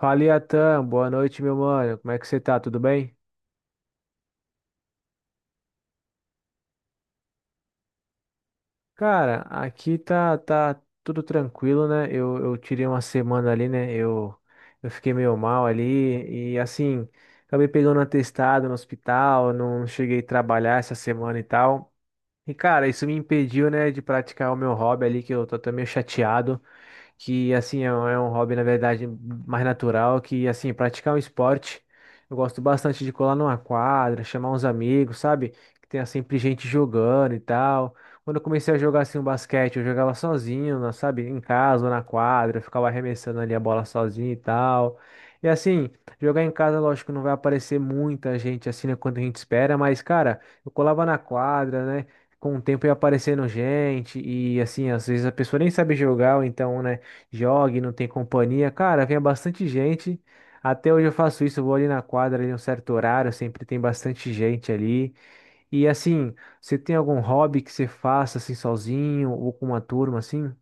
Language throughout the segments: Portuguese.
Fala, Iatan. Boa noite, meu mano. Como é que você tá? Tudo bem? Cara, aqui tá, tudo tranquilo, né? Eu tirei uma semana ali, né? Eu fiquei meio mal ali e, assim, acabei pegando um atestado no hospital, não cheguei a trabalhar essa semana e tal. E, cara, isso me impediu, né, de praticar o meu hobby ali, que eu tô até meio chateado. Que assim é um hobby, na verdade, mais natural, que assim praticar um esporte. Eu gosto bastante de colar numa quadra, chamar uns amigos, sabe? Que tenha sempre gente jogando e tal. Quando eu comecei a jogar assim o basquete, eu jogava sozinho, sabe? Em casa ou na quadra, eu ficava arremessando ali a bola sozinho e tal. E assim, jogar em casa, lógico, não vai aparecer muita gente assim, né, quanto a gente espera, mas cara, eu colava na quadra, né? Com o tempo ia aparecendo gente, e assim, às vezes a pessoa nem sabe jogar, ou então, né? Jogue, não tem companhia. Cara, vem bastante gente. Até hoje eu faço isso, eu vou ali na quadra em um certo horário, sempre tem bastante gente ali. E assim, você tem algum hobby que você faça assim sozinho ou com uma turma assim?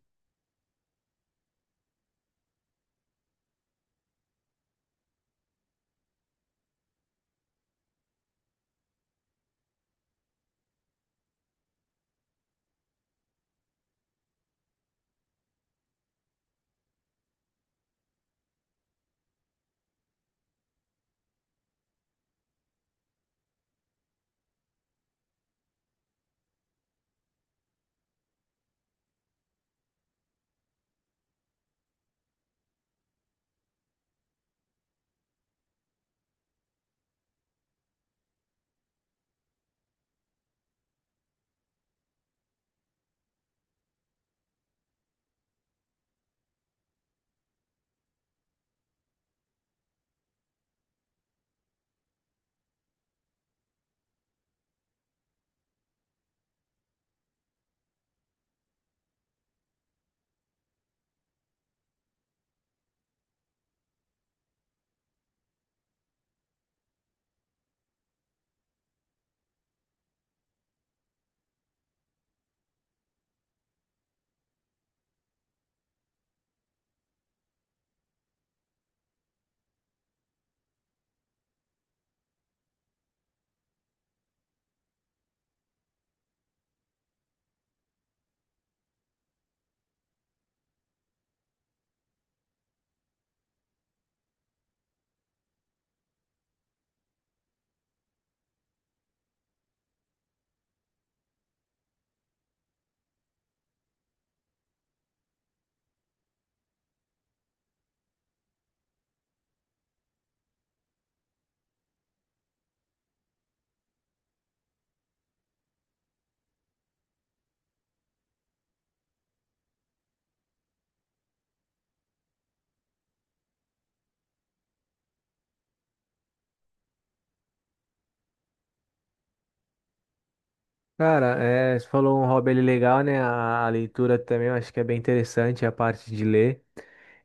Cara, é, você falou um hobby ali legal, né? A leitura também eu acho que é bem interessante, a parte de ler.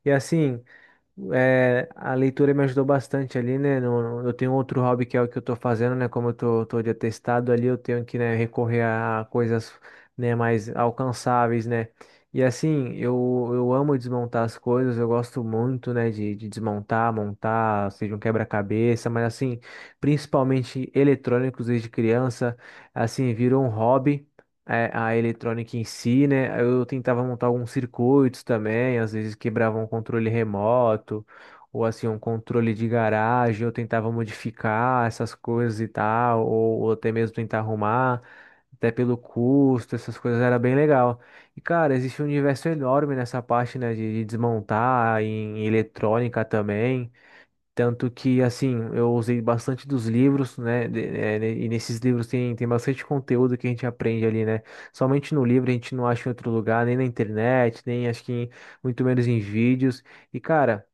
E assim, é, a leitura me ajudou bastante ali, né? Eu tenho outro hobby que é o que eu tô fazendo, né? Como eu tô, de atestado ali, eu tenho que, né, recorrer a coisas, né, mais alcançáveis, né? E assim, eu amo desmontar as coisas, eu gosto muito, né, de, desmontar, montar, seja um quebra-cabeça, mas assim, principalmente eletrônicos desde criança, assim, virou um hobby, é, a eletrônica em si, né? Eu tentava montar alguns circuitos também, às vezes quebrava um controle remoto, ou assim, um controle de garagem, eu tentava modificar essas coisas e tal, ou, até mesmo tentar arrumar, até pelo custo, essas coisas era bem legal. E cara, existe um universo enorme nessa parte, né, de, desmontar em eletrônica também. Tanto que, assim, eu usei bastante dos livros, né? Né, e nesses livros tem, bastante conteúdo que a gente aprende ali, né? Somente no livro a gente não acha em outro lugar, nem na internet, nem acho que muito menos em vídeos. E, cara,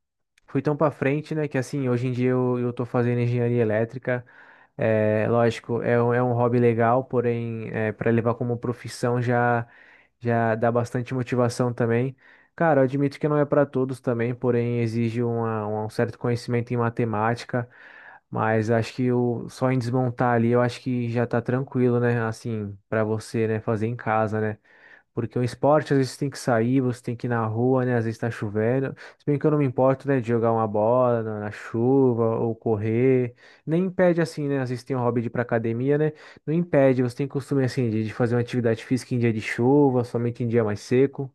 fui tão para frente, né, que assim, hoje em dia eu, tô fazendo engenharia elétrica. É, lógico, é, é um hobby legal, porém, para levar como profissão já dá bastante motivação também. Cara, eu admito que não é para todos também, porém exige um certo conhecimento em matemática, mas acho que o, só em desmontar ali, eu acho que já tá tranquilo, né? Assim, para você, né, fazer em casa, né? Porque o esporte às vezes tem que sair, você tem que ir na rua, né? Às vezes tá chovendo. Se bem que eu não me importo, né, de jogar uma bola na, chuva ou correr. Nem impede, assim, né? Às vezes tem um hobby de ir pra academia, né? Não impede, você tem costume, assim, de, fazer uma atividade física em dia de chuva, somente em dia mais seco.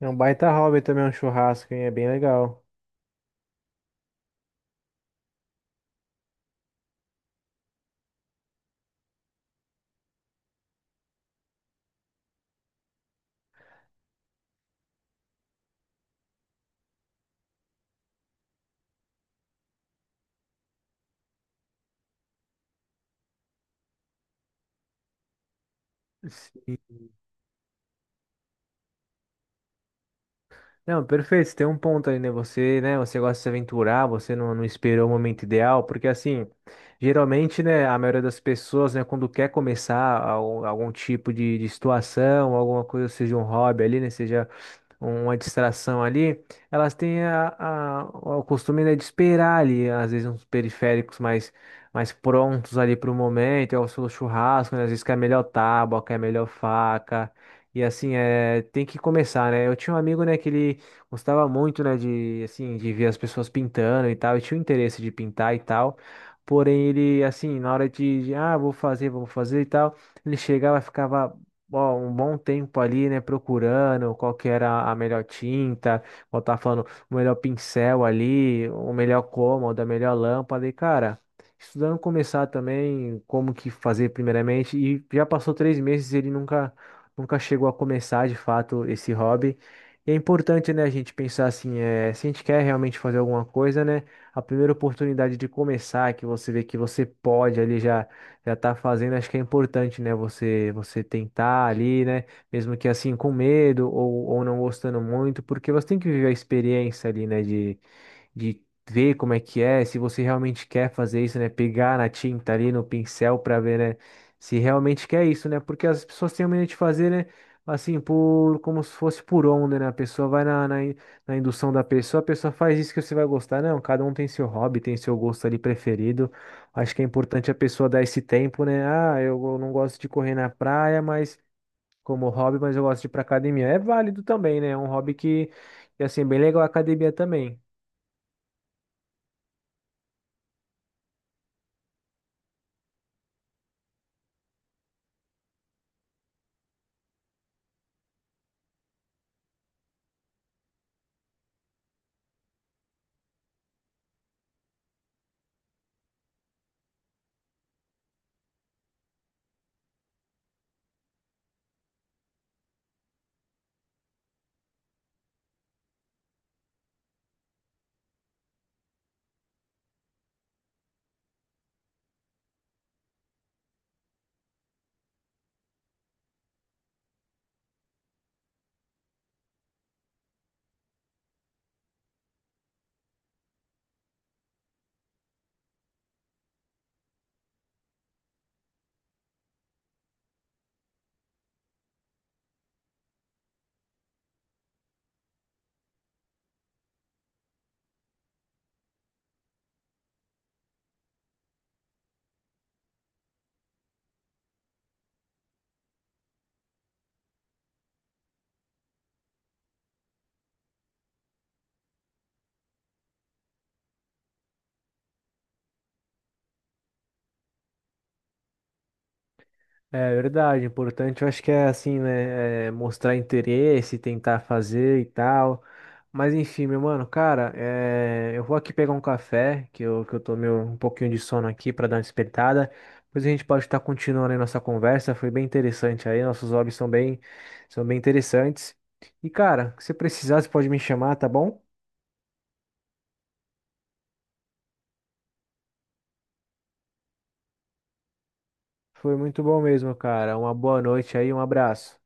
É um baita hobby também, um churrasco, hein? É bem legal. Sim. Não, perfeito, você tem um ponto aí, né? Você, né, você gosta de se aventurar, você não, não esperou o momento ideal, porque assim, geralmente, né, a maioria das pessoas, né, quando quer começar algum, algum tipo de, situação, alguma coisa, seja um hobby ali, né, seja uma distração ali, elas têm a, o costume, né, de esperar ali, às vezes, uns periféricos mais, prontos ali para o momento, é o seu churrasco, né, às vezes quer melhor tábua, quer melhor faca, e assim, é, tem que começar, né? Eu tinha um amigo, né, que ele gostava muito, né, de, assim, de ver as pessoas pintando e tal, e tinha o interesse de pintar e tal, porém, ele, assim, na hora de, ah, vou fazer, e tal, ele chegava, ficava bom um bom tempo ali, né, procurando qual que era a melhor tinta, ou tá falando o melhor pincel ali, o melhor cômodo, a melhor lâmpada, e cara, estudando começar também como que fazer primeiramente, e já passou três meses e ele nunca, chegou a começar de fato esse hobby. E é importante, né, a gente pensar assim, é, se a gente quer realmente fazer alguma coisa, né, a primeira oportunidade de começar, que você vê que você pode ali já tá fazendo, acho que é importante, né? Você tentar ali, né? Mesmo que assim com medo ou, não gostando muito, porque você tem que viver a experiência ali, né? De, de ver como é que é, se você realmente quer fazer isso, né? Pegar na tinta ali, no pincel para ver, né? Se realmente quer isso, né? Porque as pessoas têm medo de fazer, né? Assim, por como se fosse por onda, né? A pessoa vai na, na, na indução da pessoa, a pessoa faz isso que você vai gostar. Não, cada um tem seu hobby, tem seu gosto ali preferido. Acho que é importante a pessoa dar esse tempo, né? Ah, não gosto de correr na praia, mas como hobby, mas eu gosto de ir pra academia. É válido também, né? É um hobby que assim, é bem legal a academia também. É verdade, importante, eu acho que é assim, né, é, mostrar interesse, tentar fazer e tal, mas enfim, meu mano, cara, é, eu vou aqui pegar um café, que eu tomei um pouquinho de sono aqui para dar uma despertada, depois a gente pode estar continuando aí nossa conversa, foi bem interessante aí, nossos hobbies são bem interessantes, e cara, se precisar, você pode me chamar, tá bom? Foi muito bom mesmo, cara, uma boa noite aí, um abraço.